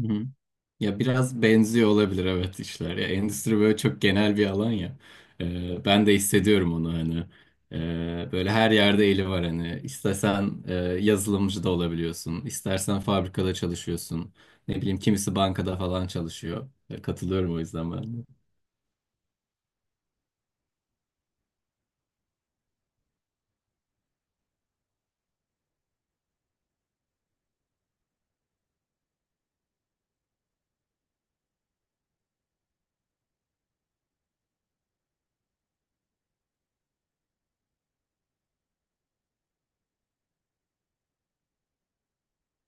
Hı hı. Ya biraz benziyor olabilir evet işler. Ya endüstri böyle çok genel bir alan ya. Ben de hissediyorum onu hani. Böyle her yerde eli var hani. İstesen yazılımcı da olabiliyorsun. İstersen fabrikada çalışıyorsun. Ne bileyim kimisi bankada falan çalışıyor. Ya, katılıyorum o yüzden ben de.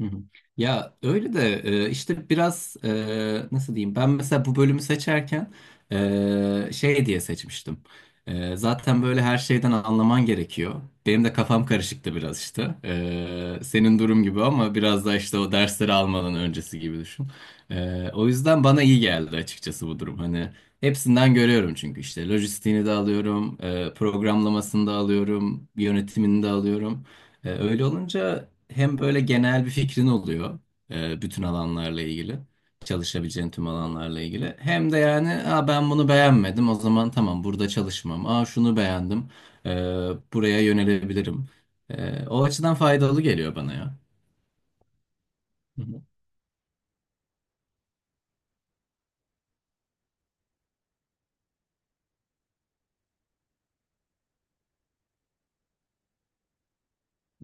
Hı hı. Ya öyle de işte biraz nasıl diyeyim ben mesela bu bölümü seçerken şey diye seçmiştim. Zaten böyle her şeyden anlaman gerekiyor. Benim de kafam karışıktı biraz işte. Senin durum gibi ama biraz da işte o dersleri almadan öncesi gibi düşün. O yüzden bana iyi geldi açıkçası bu durum. Hani hepsinden görüyorum çünkü işte lojistiğini de alıyorum, programlamasını da alıyorum, yönetimini de alıyorum. Öyle olunca hem böyle genel bir fikrin oluyor bütün alanlarla ilgili, çalışabileceğin tüm alanlarla ilgili. Hem de yani Aa, ben bunu beğenmedim o zaman tamam burada çalışmam. Aa şunu beğendim e, buraya yönelebilirim. O açıdan faydalı geliyor bana ya. Hı hı.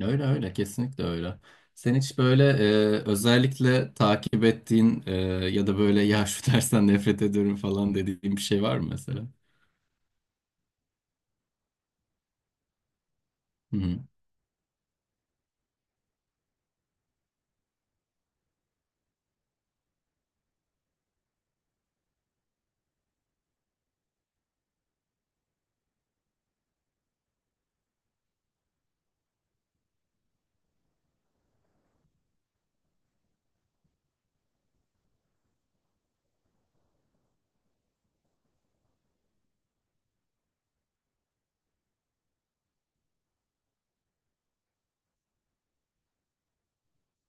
Öyle öyle kesinlikle öyle. Sen hiç böyle özellikle takip ettiğin ya da böyle ya şu dersten nefret ediyorum falan dediğin bir şey var mı mesela? Hı hı.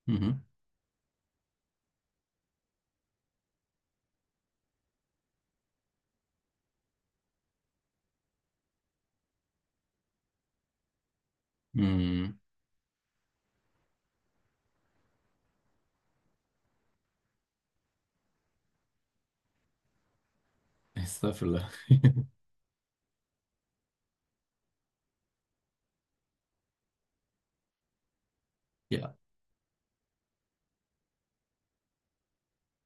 Hı hı. Hı. Estağfurullah. Ya.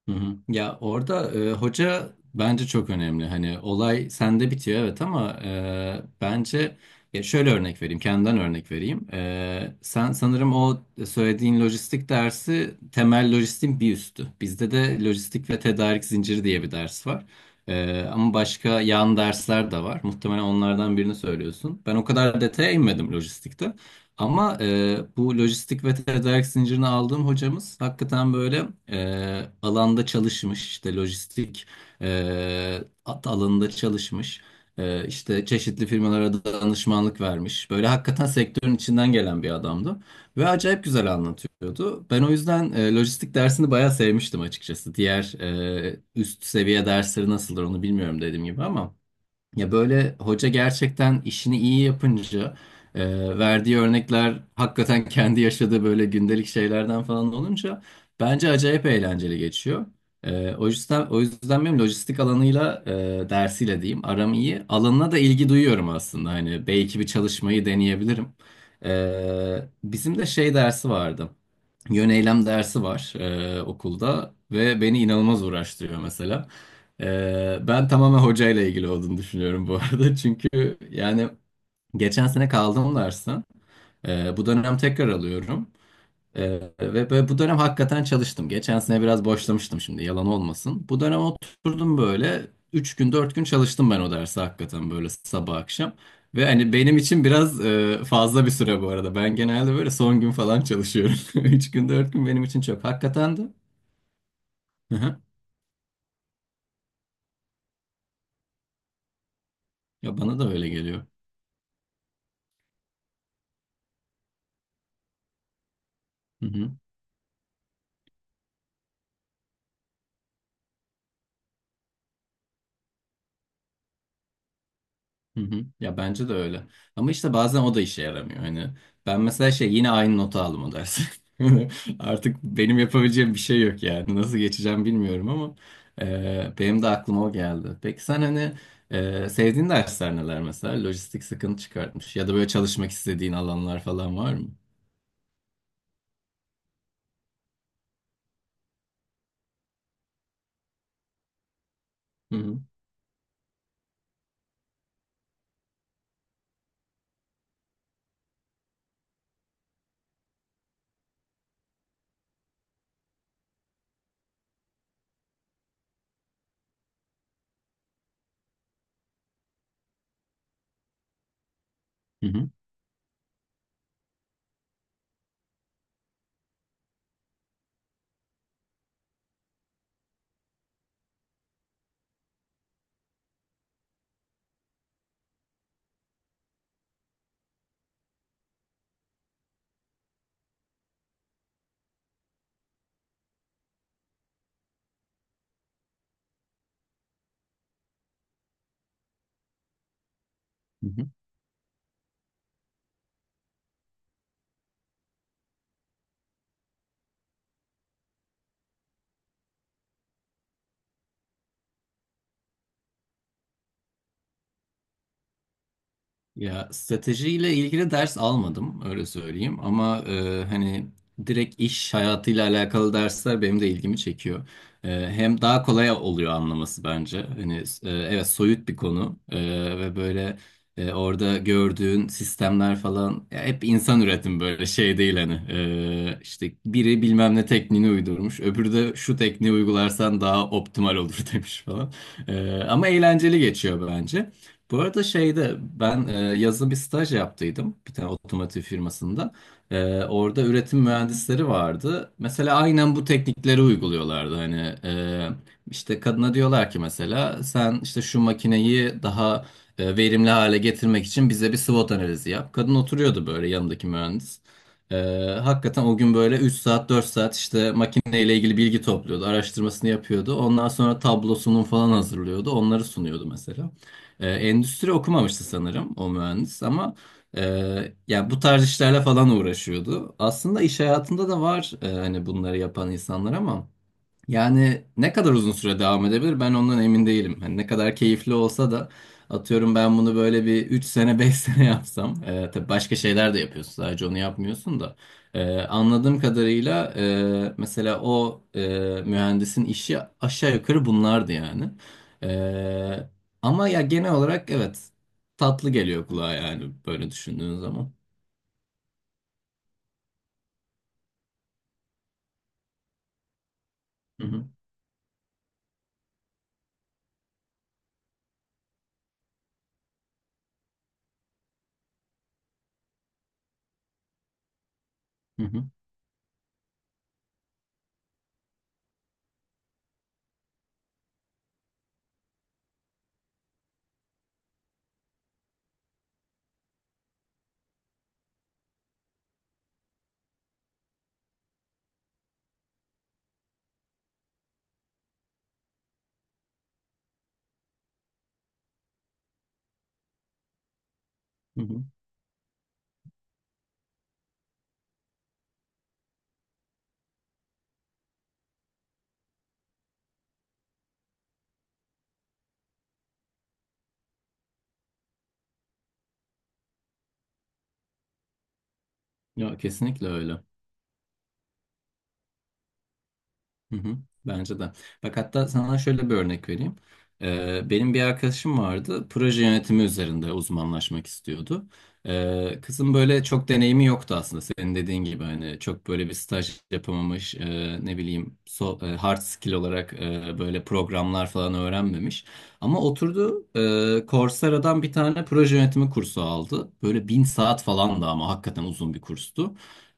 Hı hı. Ya orada hoca bence çok önemli. Hani olay sende bitiyor evet ama bence ya şöyle örnek vereyim, kendimden örnek vereyim. Sen sanırım o söylediğin lojistik dersi temel lojistiğin bir üstü. Bizde de lojistik ve tedarik zinciri diye bir ders var. Ama başka yan dersler de var. Muhtemelen onlardan birini söylüyorsun. Ben o kadar detaya inmedim lojistikte. Ama bu lojistik ve tedarik zincirini aldığım hocamız hakikaten böyle alanda çalışmış işte lojistik at alanında çalışmış. E, işte çeşitli firmalara da danışmanlık vermiş böyle hakikaten sektörün içinden gelen bir adamdı ve acayip güzel anlatıyordu. Ben o yüzden lojistik dersini bayağı sevmiştim açıkçası diğer üst seviye dersleri nasıldır onu bilmiyorum dediğim gibi ama. Ya böyle hoca gerçekten işini iyi yapınca e, verdiği örnekler hakikaten kendi yaşadığı böyle gündelik şeylerden falan olunca bence acayip eğlenceli geçiyor. O yüzden benim lojistik alanıyla dersiyle diyeyim aram iyi. Alanına da ilgi duyuyorum aslında. Hani belki bir çalışmayı deneyebilirim. Bizim de şey dersi vardı. Yöneylem dersi var okulda ve beni inanılmaz uğraştırıyor mesela. Ben tamamen hocayla ilgili olduğunu düşünüyorum bu arada. Çünkü yani geçen sene kaldım dersten. Bu dönem tekrar alıyorum. Ve böyle bu dönem hakikaten çalıştım. Geçen sene biraz boşlamıştım şimdi yalan olmasın. Bu dönem oturdum böyle 3 gün 4 gün çalıştım ben o dersi hakikaten böyle sabah akşam. Ve hani benim için biraz fazla bir süre bu arada. Ben genelde böyle son gün falan çalışıyorum. 3 gün 4 gün benim için çok. Hakikaten de. Hı hı. Ya bana da öyle geliyor. Hı hı. Ya bence de öyle. Ama işte bazen o da işe yaramıyor. Hani ben mesela şey yine aynı notu aldım o dersi. Artık benim yapabileceğim bir şey yok yani. Nasıl geçeceğim bilmiyorum ama benim de aklıma o geldi. Peki sen hani sevdiğin dersler neler mesela? Lojistik sıkıntı çıkartmış ya da böyle çalışmak istediğin alanlar falan var mı? Hı hı. Hı hı. Ya stratejiyle ilgili ders almadım öyle söyleyeyim ama hani direkt iş hayatıyla alakalı dersler benim de ilgimi çekiyor. Hem daha kolay oluyor anlaması bence. Hani evet soyut bir konu. Ve böyle orada gördüğün sistemler falan ya hep insan üretim böyle şey değil hani. E, işte biri bilmem ne tekniğini uydurmuş öbürü de şu tekniği uygularsan daha optimal olur demiş falan. Ama eğlenceli geçiyor bence. Bu arada şeyde ben yazın bir staj yaptıydım bir tane otomotiv firmasında. Orada üretim mühendisleri vardı. Mesela aynen bu teknikleri uyguluyorlardı. Hani e, işte kadına diyorlar ki mesela sen işte şu makineyi daha verimli hale getirmek için bize bir SWOT analizi yap. Kadın oturuyordu böyle yanındaki mühendis. E, hakikaten o gün böyle 3 saat 4 saat işte makineyle ilgili bilgi topluyordu, araştırmasını yapıyordu. Ondan sonra tablosunun falan hazırlıyordu, onları sunuyordu mesela. Endüstri okumamıştı sanırım o mühendis ama ya bu tarz işlerle falan uğraşıyordu. Aslında iş hayatında da var hani bunları yapan insanlar ama. Yani ne kadar uzun süre devam edebilir ben ondan emin değilim. Hani ne kadar keyifli olsa da atıyorum ben bunu böyle bir 3 sene 5 sene yapsam. Tabii başka şeyler de yapıyorsun sadece onu yapmıyorsun da. Anladığım kadarıyla mesela o mühendisin işi aşağı yukarı bunlardı yani. E, ama ya genel olarak evet tatlı geliyor kulağa yani böyle düşündüğün zaman. Hı hı, hı hı, hı hı. Ya kesinlikle öyle. Hı hı, bence de. Bak hatta sana şöyle bir örnek vereyim. Benim bir arkadaşım vardı. Proje yönetimi üzerinde uzmanlaşmak istiyordu. Kızın böyle çok deneyimi yoktu aslında. Senin dediğin gibi hani çok böyle bir staj yapamamış, ne bileyim hard skill olarak böyle programlar falan öğrenmemiş. Ama oturdu Coursera'dan bir tane proje yönetimi kursu aldı. Böyle 1000 saat falan da ama hakikaten uzun bir kurstu.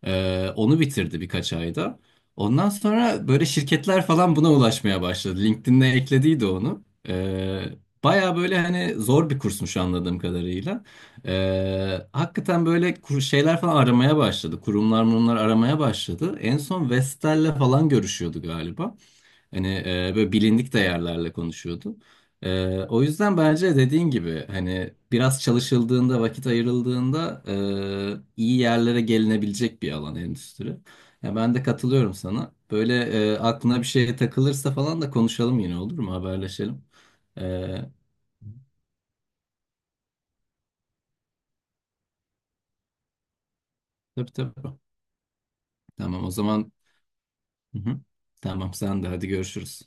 Onu bitirdi birkaç ayda. Ondan sonra böyle şirketler falan buna ulaşmaya başladı. LinkedIn'e eklediydi onu. Baya böyle hani zor bir kursmuş anladığım kadarıyla. Hakikaten böyle şeyler falan aramaya başladı. Kurumlar bunlar aramaya başladı. En son Vestel'le falan görüşüyordu galiba. Hani böyle bilindik değerlerle konuşuyordu. O yüzden bence dediğin gibi hani biraz çalışıldığında, vakit ayrıldığında iyi yerlere gelinebilecek bir alan endüstri. Ya ben de katılıyorum sana. Böyle aklına bir şey takılırsa falan da konuşalım yine olur mu? Haberleşelim. E, tabii tabii. Tamam o zaman. Hı hı. Tamam sen de hadi görüşürüz.